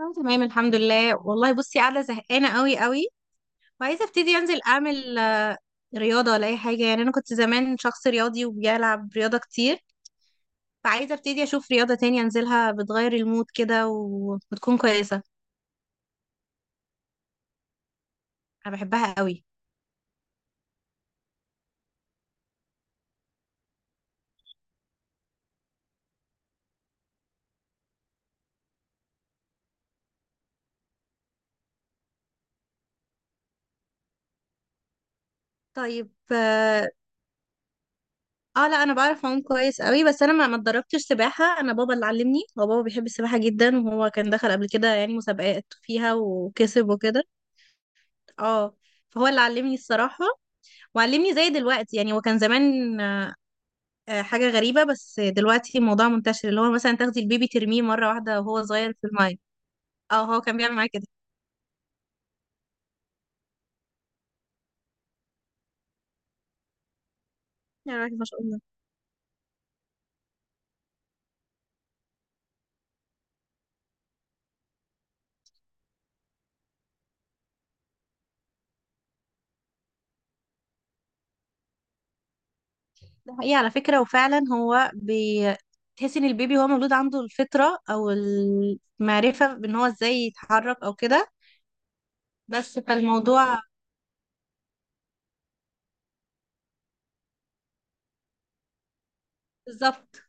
اه، تمام الحمد لله. والله بصي، قاعده زهقانه قوي قوي وعايزه ابتدي انزل اعمل رياضه ولا اي حاجه. يعني انا كنت زمان شخص رياضي وبيلعب رياضه كتير، فعايزه ابتدي اشوف رياضه تانية انزلها بتغير المود كده وتكون كويسه. انا بحبها قوي. طيب، اه. لا، انا بعرف اعوم كويس قوي، بس انا ما اتدربتش سباحه. انا بابا اللي علمني، هو بابا بيحب السباحه جدا، وهو كان دخل قبل كده يعني مسابقات فيها وكسب وكده. اه. فهو اللي علمني الصراحه. وعلمني زي دلوقتي، يعني هو كان زمان حاجة غريبة. بس دلوقتي الموضوع منتشر، اللي هو مثلا تاخدي البيبي ترميه مرة واحدة وهو صغير في المية. اه، هو كان بيعمل معايا كده. يعني الواحد ما شاء الله. ده حقيقي على فكرة. وفعلا هو تحس ان البيبي هو مولود عنده الفطرة او المعرفة بان هو ازاي يتحرك او كده. بس فالموضوع. بالظبط.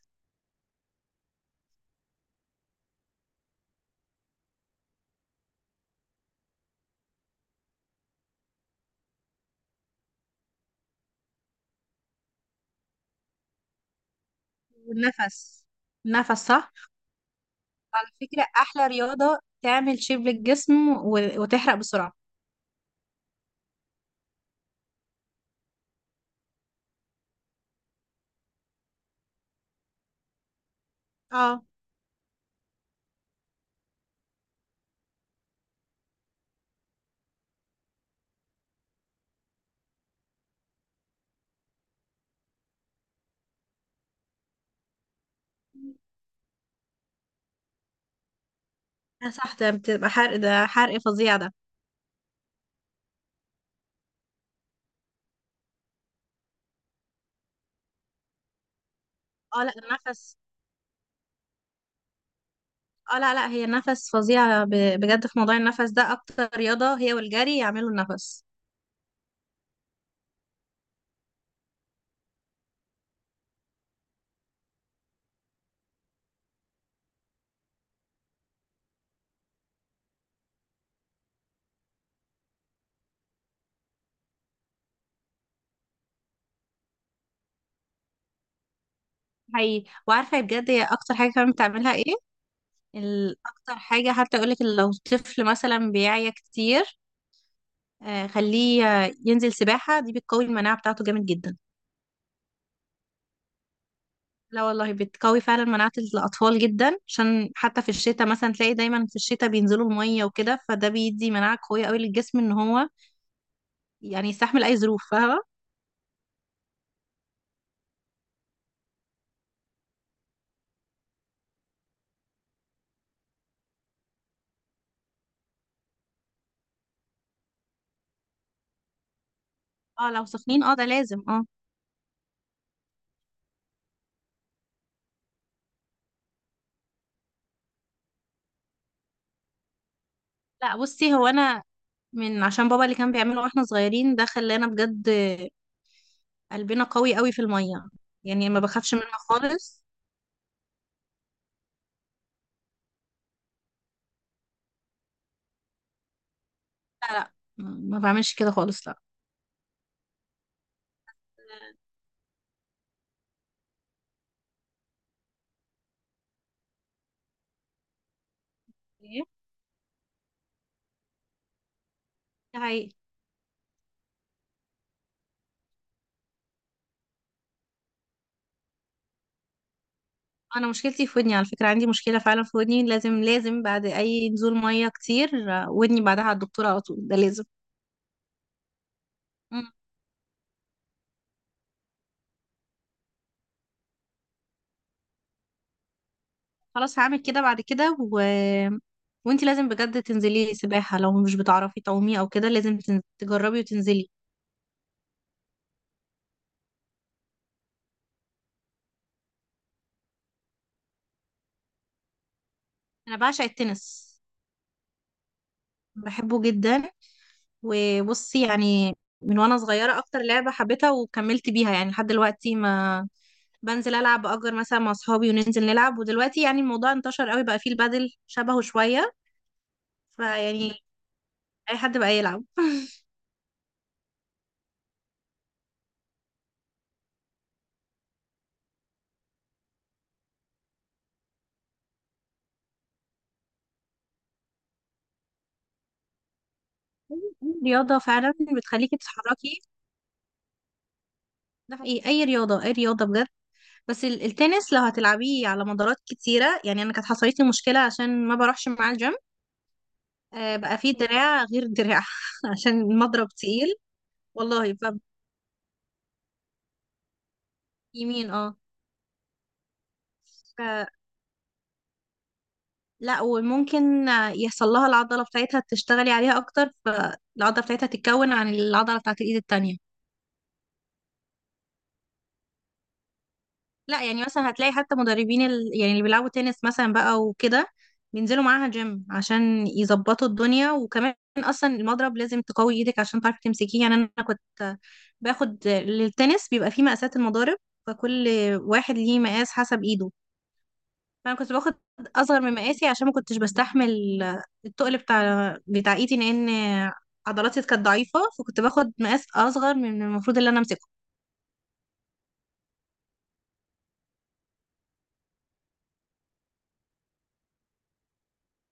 والنفس، النفس صح. على فكرة احلى رياضة تعمل شيب للجسم وتحرق بسرعة. اه. آه صح، ده بتبقى حرق، ده حرق فظيع ده. اه لا، النفس، اه لا لا، هي النفس فظيعة بجد. في موضوع النفس ده، اكتر رياضة هي والجري يعملوا النفس. حقيقي. وعارفة بجد هي اكتر حاجة كمان بتعملها ايه؟ اكتر حاجة، حتى يقولك لو طفل مثلا بيعيا كتير، خليه ينزل سباحة، دي بتقوي المناعة بتاعته جامد جدا. لا والله، بتقوي فعلا مناعة الأطفال جدا، عشان حتى في الشتاء مثلا تلاقي دايما في الشتاء بينزلوا المية وكده، فده بيدي مناعة قوية قوي للجسم، ان هو يعني يستحمل اي ظروف، فاهمه؟ اه لو سخنين اه، ده لازم اه. لا بصي، هو انا من عشان بابا اللي كان بيعمله واحنا صغيرين، ده خلانا بجد قلبنا قوي قوي في الميه. يعني ما بخافش منها خالص. لا لا، ما بعملش كده خالص، لا. ايه. ده حقيقي. انا مشكلتي في ودني، على فكره عندي مشكله فعلا في ودني، لازم لازم بعد اي نزول ميه كتير ودني بعدها على الدكتوره على طول، ده لازم. خلاص هعمل كده بعد كده وانتي لازم بجد تنزلي سباحة. لو مش بتعرفي تعومي او كده لازم تجربي وتنزلي. انا بعشق التنس، بحبه جدا. وبصي يعني من وانا صغيرة اكتر لعبة حبيتها وكملت بيها، يعني لحد دلوقتي ما بنزل العب باجر مثلا مع اصحابي وننزل نلعب. ودلوقتي يعني الموضوع انتشر قوي، بقى فيه البادل شبهه شوية. فيعني اي حد بقى يلعب رياضة فعلا بتخليكي تتحركي. ده حقيقي، اي رياضة، اي رياضة بجد. بس التنس لو هتلعبيه على مدارات كتيرة، يعني أنا كانت حصلت لي مشكلة عشان ما بروحش مع الجيم. بقى فيه دراع غير دراع عشان المضرب تقيل. والله بقى، يمين اه. ف- لا، وممكن يحصل لها العضلة بتاعتها، تشتغلي عليها أكتر، فالعضلة بتاعتها تتكون عن العضلة بتاعت الإيد التانية. لا يعني مثلا هتلاقي حتى مدربين يعني اللي بيلعبوا تنس مثلا بقى وكده بينزلوا معاها جيم عشان يظبطوا الدنيا. وكمان اصلا المضرب لازم تقوي ايدك عشان تعرفي تمسكيه. يعني انا كنت باخد للتنس، بيبقى فيه مقاسات المضارب، فكل واحد ليه مقاس حسب ايده. فانا كنت باخد اصغر من مقاسي عشان ما كنتش بستحمل التقل بتاع ايدي، لان عضلاتي كانت ضعيفة، فكنت باخد مقاس اصغر من المفروض اللي انا امسكه.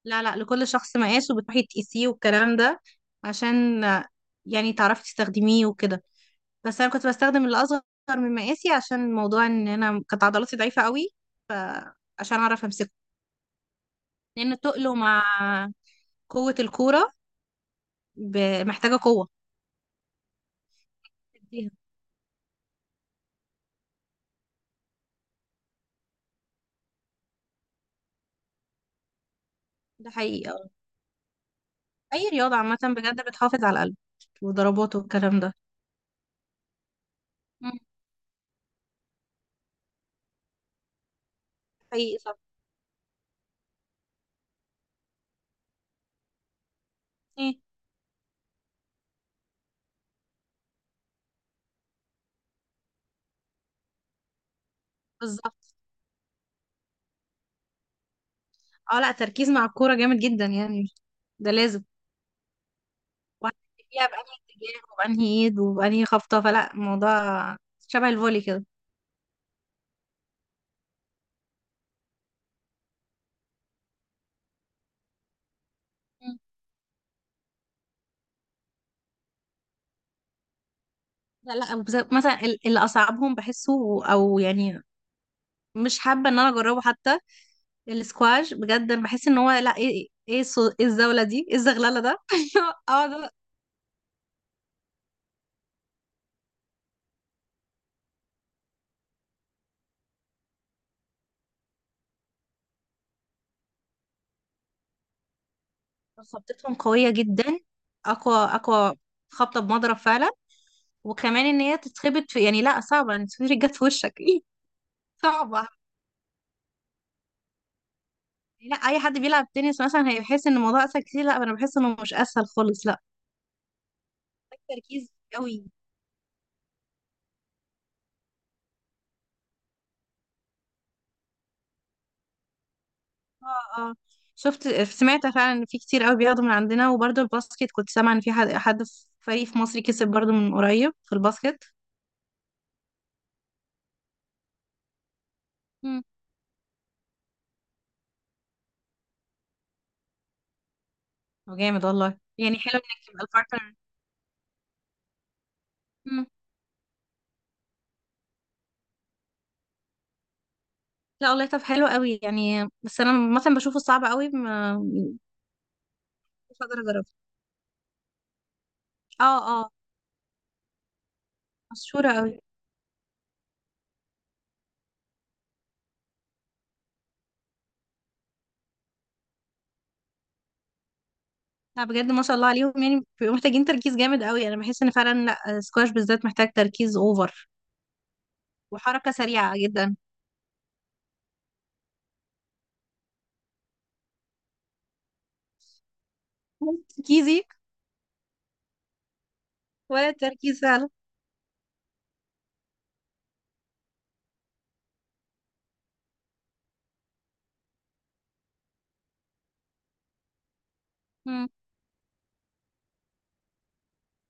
لا لا، لكل شخص مقاس، وبتروحي تقيسيه والكلام ده عشان يعني تعرفي تستخدميه وكده. بس انا كنت بستخدم اللي اصغر من مقاسي، عشان موضوع ان انا كانت عضلاتي ضعيفة قوي، فعشان اعرف امسكه، لان تقله مع قوة الكورة محتاجة قوة تديها. ده حقيقي اه. اي رياضة عامة بجد بتحافظ على القلب وضربات والكلام ده. مم. حقيقي صح. ايه بالظبط. اه لا، تركيز مع الكورة جامد جدا يعني، ده لازم. وهتلاقيها بأنهي اتجاه وبأنهي ايد وبأنهي خبطة، فلا الموضوع شبه الفولي كده. مم. لا لا، مثلا اللي أصعبهم بحسه أو يعني مش حابة إن أنا أجربه حتى. السكواش بجد أنا بحس إن هو لا، إيه إيه إيه الزاولة دي، إيه الزغللة ده أقعد خبطتهم قوية جدا، أقوى أقوى. خبطة بمضرب فعلا. وكمان إن هي تتخبط في يعني لا، صعبة إن تتخبط جت في وشك إيه صعبة. يعني لا، أي حد بيلعب تنس مثلا هيحس إن الموضوع أسهل كتير، لا أنا بحس إنه مش أسهل خالص، لا. تركيز قوي. اه اه، شفت، سمعت فعلا ان في كتير قوي بياخدوا من عندنا. وبرضه الباسكت كنت سامعه ان في حد في فريق في مصر كسب برضه من قريب في الباسكت. مم. وجامد والله، يعني حلو انك تبقى البارتنر. مم. لا والله، طب حلو قوي يعني. بس انا مثلا بشوفه صعب قوي، ما مش هقدر اجربه. اه اه، مشهوره قوي. لا بجد ما شاء الله عليهم، يعني بيبقوا محتاجين تركيز جامد قوي. انا بحس ان فعلا، لا، سكواش بالذات محتاج تركيز اوفر وحركه سريعه جدا. ولا تركيزي. ولا التركيز فعلا.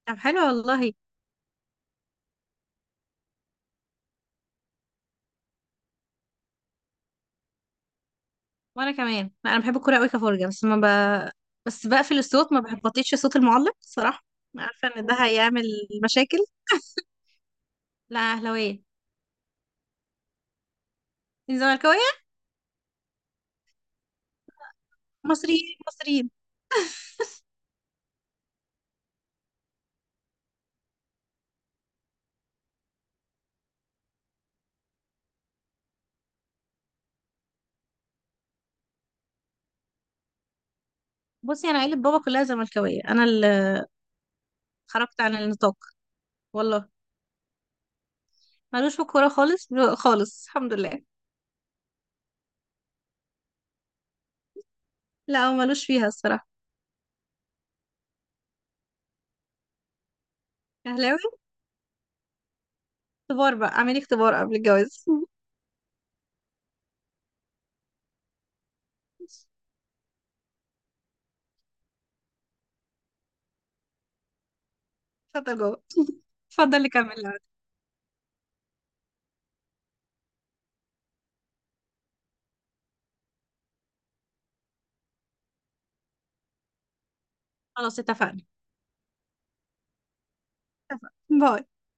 طب حلو والله. وانا كمان لا، انا بحب الكوره قوي كفرجه، بس ما ب... بس بقفل الصوت، ما بحبطيش صوت المعلق صراحه. أنا عارفه ان ده هيعمل مشاكل لا اهلاويه. إنت زملكاويه. مصريين مصريين. بصي انا عيله بابا كلها زملكاويه، انا اللي خرجت عن النطاق. والله ملوش في الكوره خالص، خالص الحمد لله. لا هو ملوش فيها الصراحه. اهلاوي. اختبار بقى، اعملي اختبار قبل الجواز اتفضل جوه. اتفضل نكمل. خلاص اتفقنا. اتفقنا. باي.